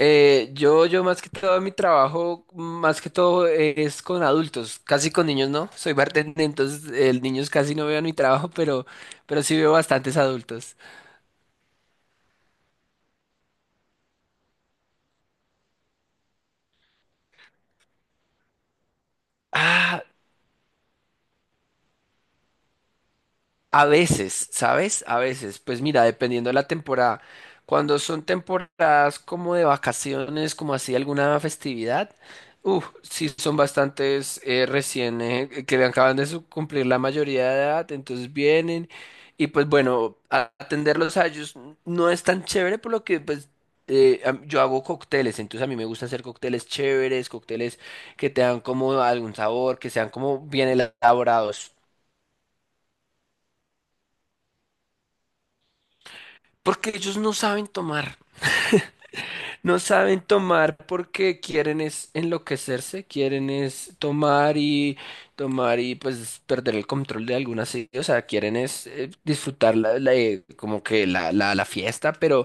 Yo más que todo mi trabajo, más que todo es con adultos, casi con niños no. Soy bartender, entonces el niños casi no veo en mi trabajo, pero sí veo bastantes adultos. Ah, a veces, ¿sabes? A veces, pues mira, dependiendo de la temporada. Cuando son temporadas como de vacaciones, como así alguna festividad, uff, sí son bastantes recién que acaban de cumplir la mayoría de edad, entonces vienen y pues bueno, atenderlos a ellos no es tan chévere por lo que pues yo hago cócteles, entonces a mí me gusta hacer cócteles chéveres, cócteles que te dan como algún sabor, que sean como bien elaborados, porque ellos no saben tomar. No saben tomar porque quieren es enloquecerse, quieren es tomar y tomar, y pues perder el control de algunas, sí, o sea, quieren es disfrutar como que la fiesta, pero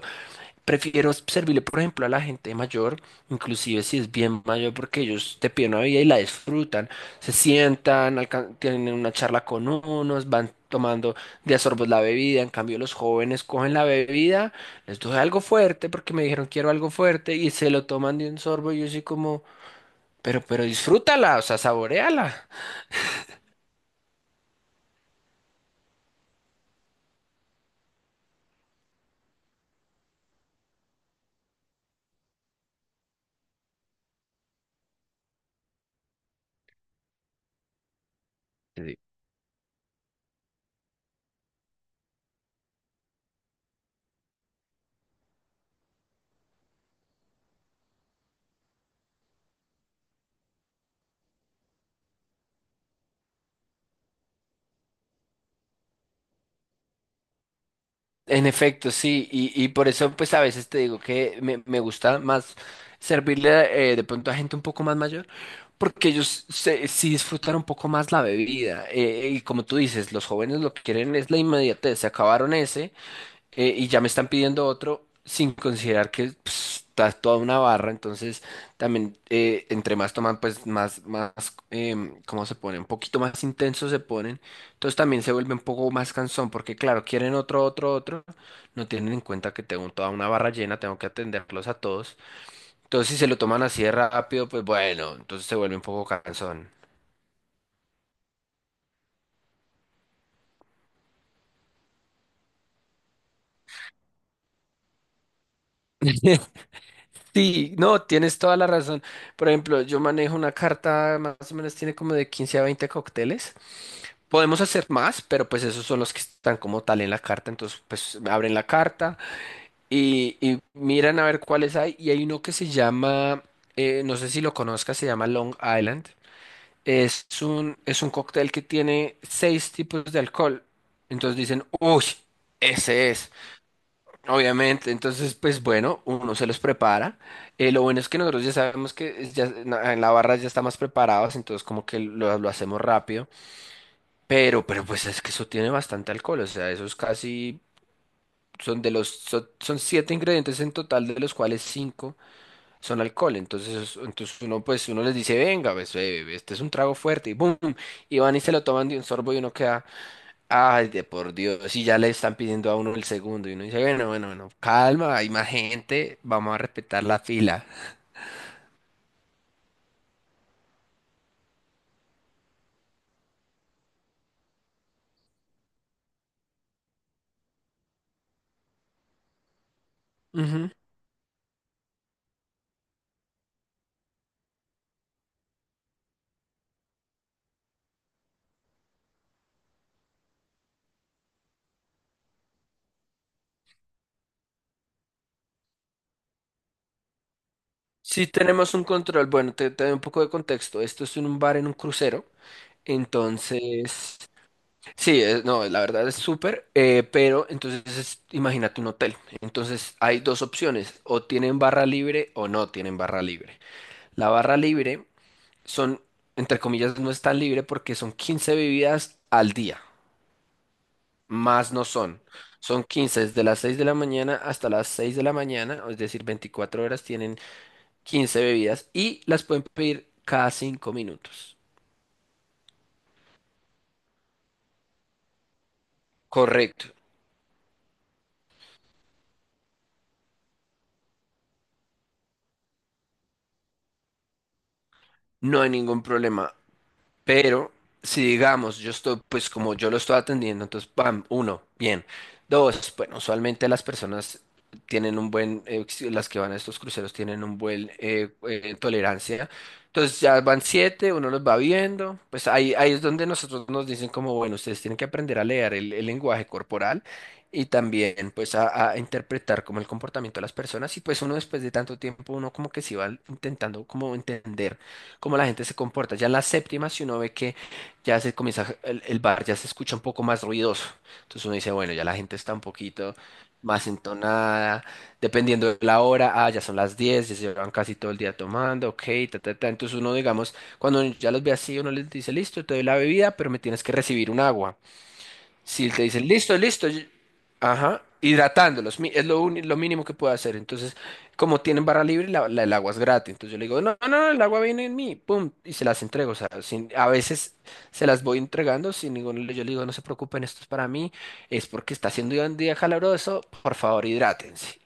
prefiero servirle, por ejemplo, a la gente mayor, inclusive si es bien mayor, porque ellos te piden una vida y la disfrutan. Se sientan, tienen una charla con unos, van tomando de a sorbos la bebida. En cambio, los jóvenes cogen la bebida, les doy algo fuerte porque me dijeron quiero algo fuerte y se lo toman de un sorbo. Y yo soy como, pero disfrútala, o sea, saboréala. En efecto, sí, y por eso pues a veces te digo que me gusta más servirle de pronto a gente un poco más mayor, porque ellos sí disfrutan un poco más la bebida. Y como tú dices, los jóvenes lo que quieren es la inmediatez, se acabaron ese y ya me están pidiendo otro sin considerar que pues, está toda una barra, entonces también entre más toman, pues más, más, ¿cómo se pone? Un poquito más intensos se ponen, entonces también se vuelve un poco más cansón, porque claro, quieren otro, otro, otro. No tienen en cuenta que tengo toda una barra llena, tengo que atenderlos a todos. Entonces si se lo toman así de rápido, pues bueno, entonces se vuelve un poco cansón. Sí, no, tienes toda la razón. Por ejemplo, yo manejo una carta, más o menos tiene como de 15 a 20 cócteles. Podemos hacer más, pero pues esos son los que están como tal en la carta. Entonces, pues abren la carta y miran a ver cuáles hay. Y hay uno que se llama, no sé si lo conozcas, se llama Long Island. Es un cóctel que tiene seis tipos de alcohol. Entonces dicen, uy, ese es. Obviamente, entonces, pues bueno, uno se los prepara. Lo bueno es que nosotros ya sabemos que ya, en la barra ya está más preparados, entonces como que lo hacemos rápido. Pero pues es que eso tiene bastante alcohol, o sea, esos casi son siete ingredientes en total, de los cuales cinco son alcohol. Entonces, entonces uno, pues, uno les dice, venga, pues, este es un trago fuerte, y boom, y van y se lo toman de un sorbo y uno queda, ay, de por Dios, y ya le están pidiendo a uno el segundo, y uno dice, bueno, bueno, bueno, calma, hay más gente, vamos a respetar la fila. Ujú. Sí tenemos un control. Bueno, te doy un poco de contexto. Esto es en un bar en un crucero. Entonces, sí, no, la verdad es súper, pero entonces imagínate un hotel. Entonces hay dos opciones, o tienen barra libre o no tienen barra libre. La barra libre son, entre comillas, no es tan libre porque son 15 bebidas al día, más no son. Son 15 desde las 6 de la mañana hasta las 6 de la mañana, es decir, 24 horas tienen 15 bebidas y las pueden pedir cada 5 minutos. Correcto, no hay ningún problema. Pero si digamos, yo estoy, pues como yo lo estoy atendiendo, entonces, pam, uno, bien. Dos, bueno, usualmente las personas tienen un buen, las que van a estos cruceros tienen un buen tolerancia. Entonces ya van siete, uno los va viendo. Pues ahí es donde nosotros nos dicen como, bueno, ustedes tienen que aprender a leer el lenguaje corporal y también pues a interpretar como el comportamiento de las personas. Y pues uno después de tanto tiempo, uno como que se va intentando como entender cómo la gente se comporta. Ya en la séptima, si uno ve que ya se comienza, el bar ya se escucha un poco más ruidoso. Entonces uno dice, bueno, ya la gente está un poquito más entonada, dependiendo de la hora, ah, ya son las 10, ya se llevan casi todo el día tomando, ok, ta, ta, ta. Entonces uno, digamos, cuando ya los ve así, uno les dice, listo, te doy la bebida, pero me tienes que recibir un agua. Si te dicen, listo, listo, ajá, hidratándolos, es lo, lo mínimo que puedo hacer. Entonces, como tienen barra libre, el agua es gratis. Entonces yo le digo, no, no, no, el agua viene en mí, pum, y se las entrego. O sea, a veces se las voy entregando sin ningún, yo le digo, no se preocupen, esto es para mí, es porque está haciendo un día calabroso, por favor, hidrátense.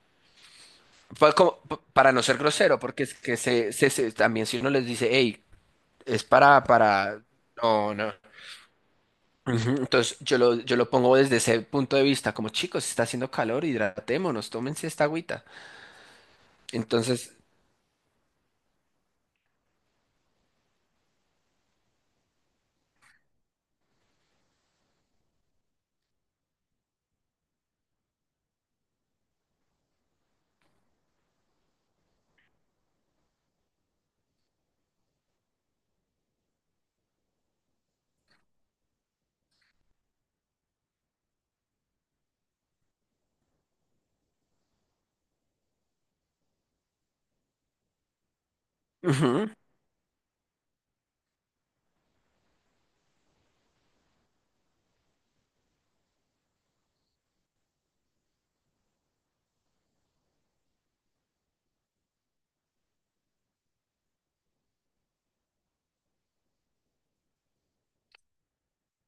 Para no ser grosero, porque es que también si uno les dice, hey, es para, no, no. Ujú. Entonces yo lo pongo desde ese punto de vista, como chicos, está haciendo calor, hidratémonos, tómense esta agüita. Entonces, ujú,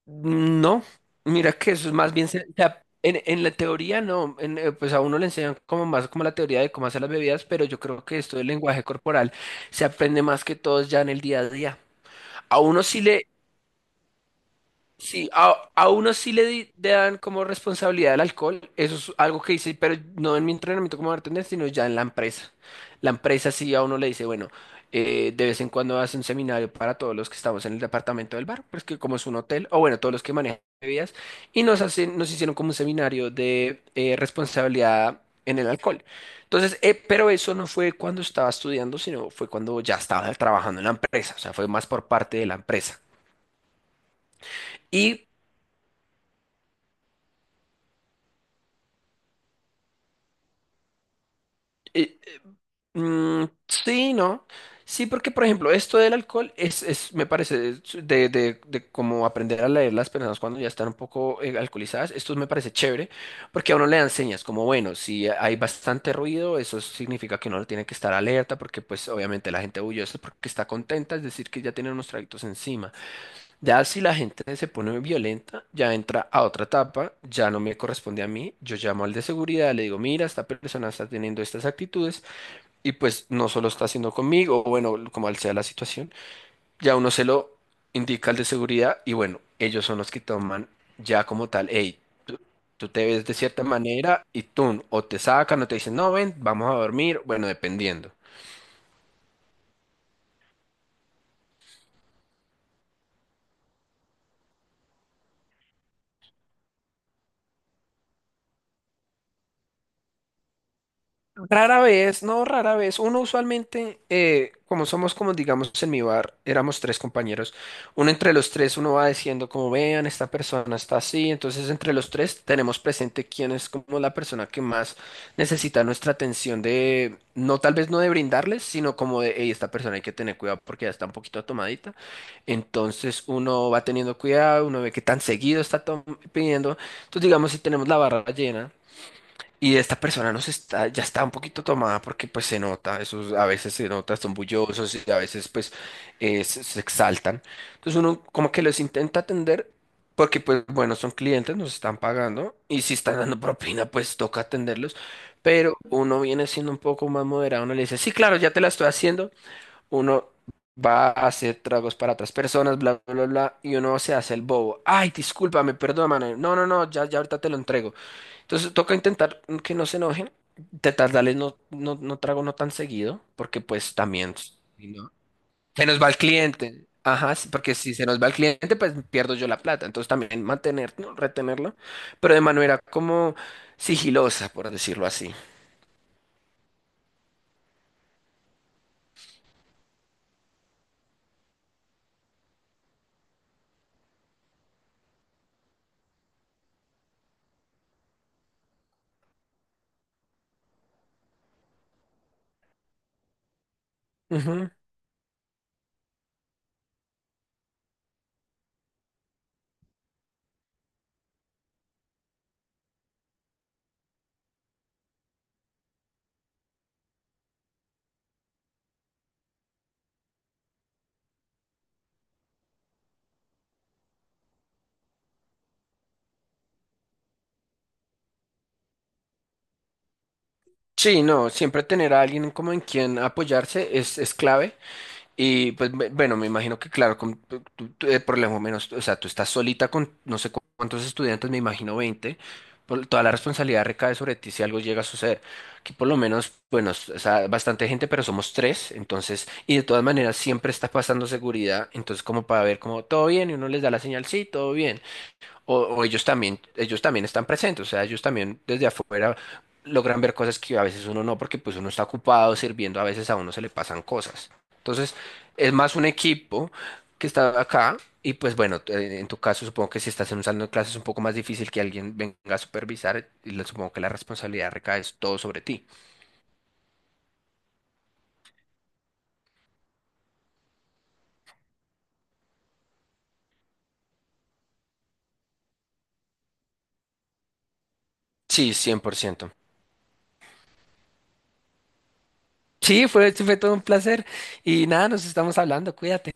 no, mira que eso es más bien, o sea, en la teoría no, pues a uno le enseñan como más como la teoría de cómo hacer las bebidas, pero yo creo que esto del lenguaje corporal se aprende más que todos ya en el día a día. A uno sí le, Sí, a uno sí le, le dan como responsabilidad el alcohol. Eso es algo que hice, pero no en mi entrenamiento como bartender, sino ya en la empresa. La empresa sí a uno le dice, bueno, de vez en cuando hace un seminario para todos los que estamos en el departamento del bar, pues que como es un hotel, o bueno, todos los que manejan bebidas, y nos hicieron como un seminario de responsabilidad en el alcohol. Entonces, pero eso no fue cuando estaba estudiando, sino fue cuando ya estaba trabajando en la empresa, o sea, fue más por parte de la empresa. Y eh, Mm, sí, no. Sí, porque por ejemplo, esto del alcohol es me parece, es de como aprender a leer las personas cuando ya están un poco alcoholizadas, esto me parece chévere, porque a uno le dan señas, como bueno, si hay bastante ruido, eso significa que uno no tiene que estar alerta, porque pues obviamente la gente huye, eso es porque está contenta, es decir, que ya tiene unos traguitos encima. Ya si la gente se pone violenta, ya entra a otra etapa, ya no me corresponde a mí, yo llamo al de seguridad, le digo, mira, esta persona está teniendo estas actitudes. Y pues no solo está haciendo conmigo, o bueno, como sea la situación, ya uno se lo indica al de seguridad y bueno, ellos son los que toman ya como tal, hey, tú, tú te ves de cierta manera y tú o te sacan o te dicen, no, ven, vamos a dormir, bueno, dependiendo. Rara vez, no, rara vez. Uno usualmente, como somos como digamos en mi bar, éramos tres compañeros. Uno entre los tres, uno va diciendo como vean, esta persona está así. Entonces entre los tres tenemos presente quién es como la persona que más necesita nuestra atención de, no, tal vez no de brindarles, sino como de, hey, esta persona hay que tener cuidado porque ya está un poquito tomadita. Entonces uno va teniendo cuidado, uno ve qué tan seguido está pidiendo. Entonces digamos si tenemos la barra llena. Y esta persona ya está un poquito tomada porque pues se nota, esos a veces se nota, son bullosos y a veces pues se exaltan. Entonces uno como que los intenta atender porque pues bueno, son clientes, nos están pagando y si están dando propina pues toca atenderlos, pero uno viene siendo un poco más moderado, uno le dice, sí, claro, ya te la estoy haciendo, uno va a hacer tragos para otras personas, bla, bla, bla, bla, y uno se hace el bobo. Ay, discúlpame, perdóname, no, no, no, ya ahorita te lo entrego. Entonces toca intentar que no se enojen, intentar darles no, no, no trago no tan seguido, porque pues también si no, se nos va el cliente. Ajá, sí, porque si se nos va el cliente, pues pierdo yo la plata. Entonces también mantener, ¿no?, retenerlo, pero de manera como sigilosa, por decirlo así. Ujú. Sí, no, siempre tener a alguien como en quien apoyarse es clave. Y pues bueno, me imagino que claro, por lo menos, o sea, tú estás solita con no sé cuántos estudiantes, me imagino 20. Toda la responsabilidad recae sobre ti si algo llega a suceder. Aquí por lo menos, bueno, o sea, bastante gente, pero somos tres, entonces, y de todas maneras siempre está pasando seguridad, entonces como para ver como todo bien y uno les da la señal, sí, todo bien. O ellos también están presentes, o sea, ellos también desde afuera logran ver cosas que a veces uno no, porque pues uno está ocupado sirviendo, a veces a uno se le pasan cosas. Entonces, es más un equipo que está acá y pues bueno, en tu caso supongo que si estás en un salón de clases es un poco más difícil que alguien venga a supervisar y supongo que la responsabilidad recae es todo sobre ti. Sí, 100%. Sí, fue todo un placer y nada, nos estamos hablando, cuídate.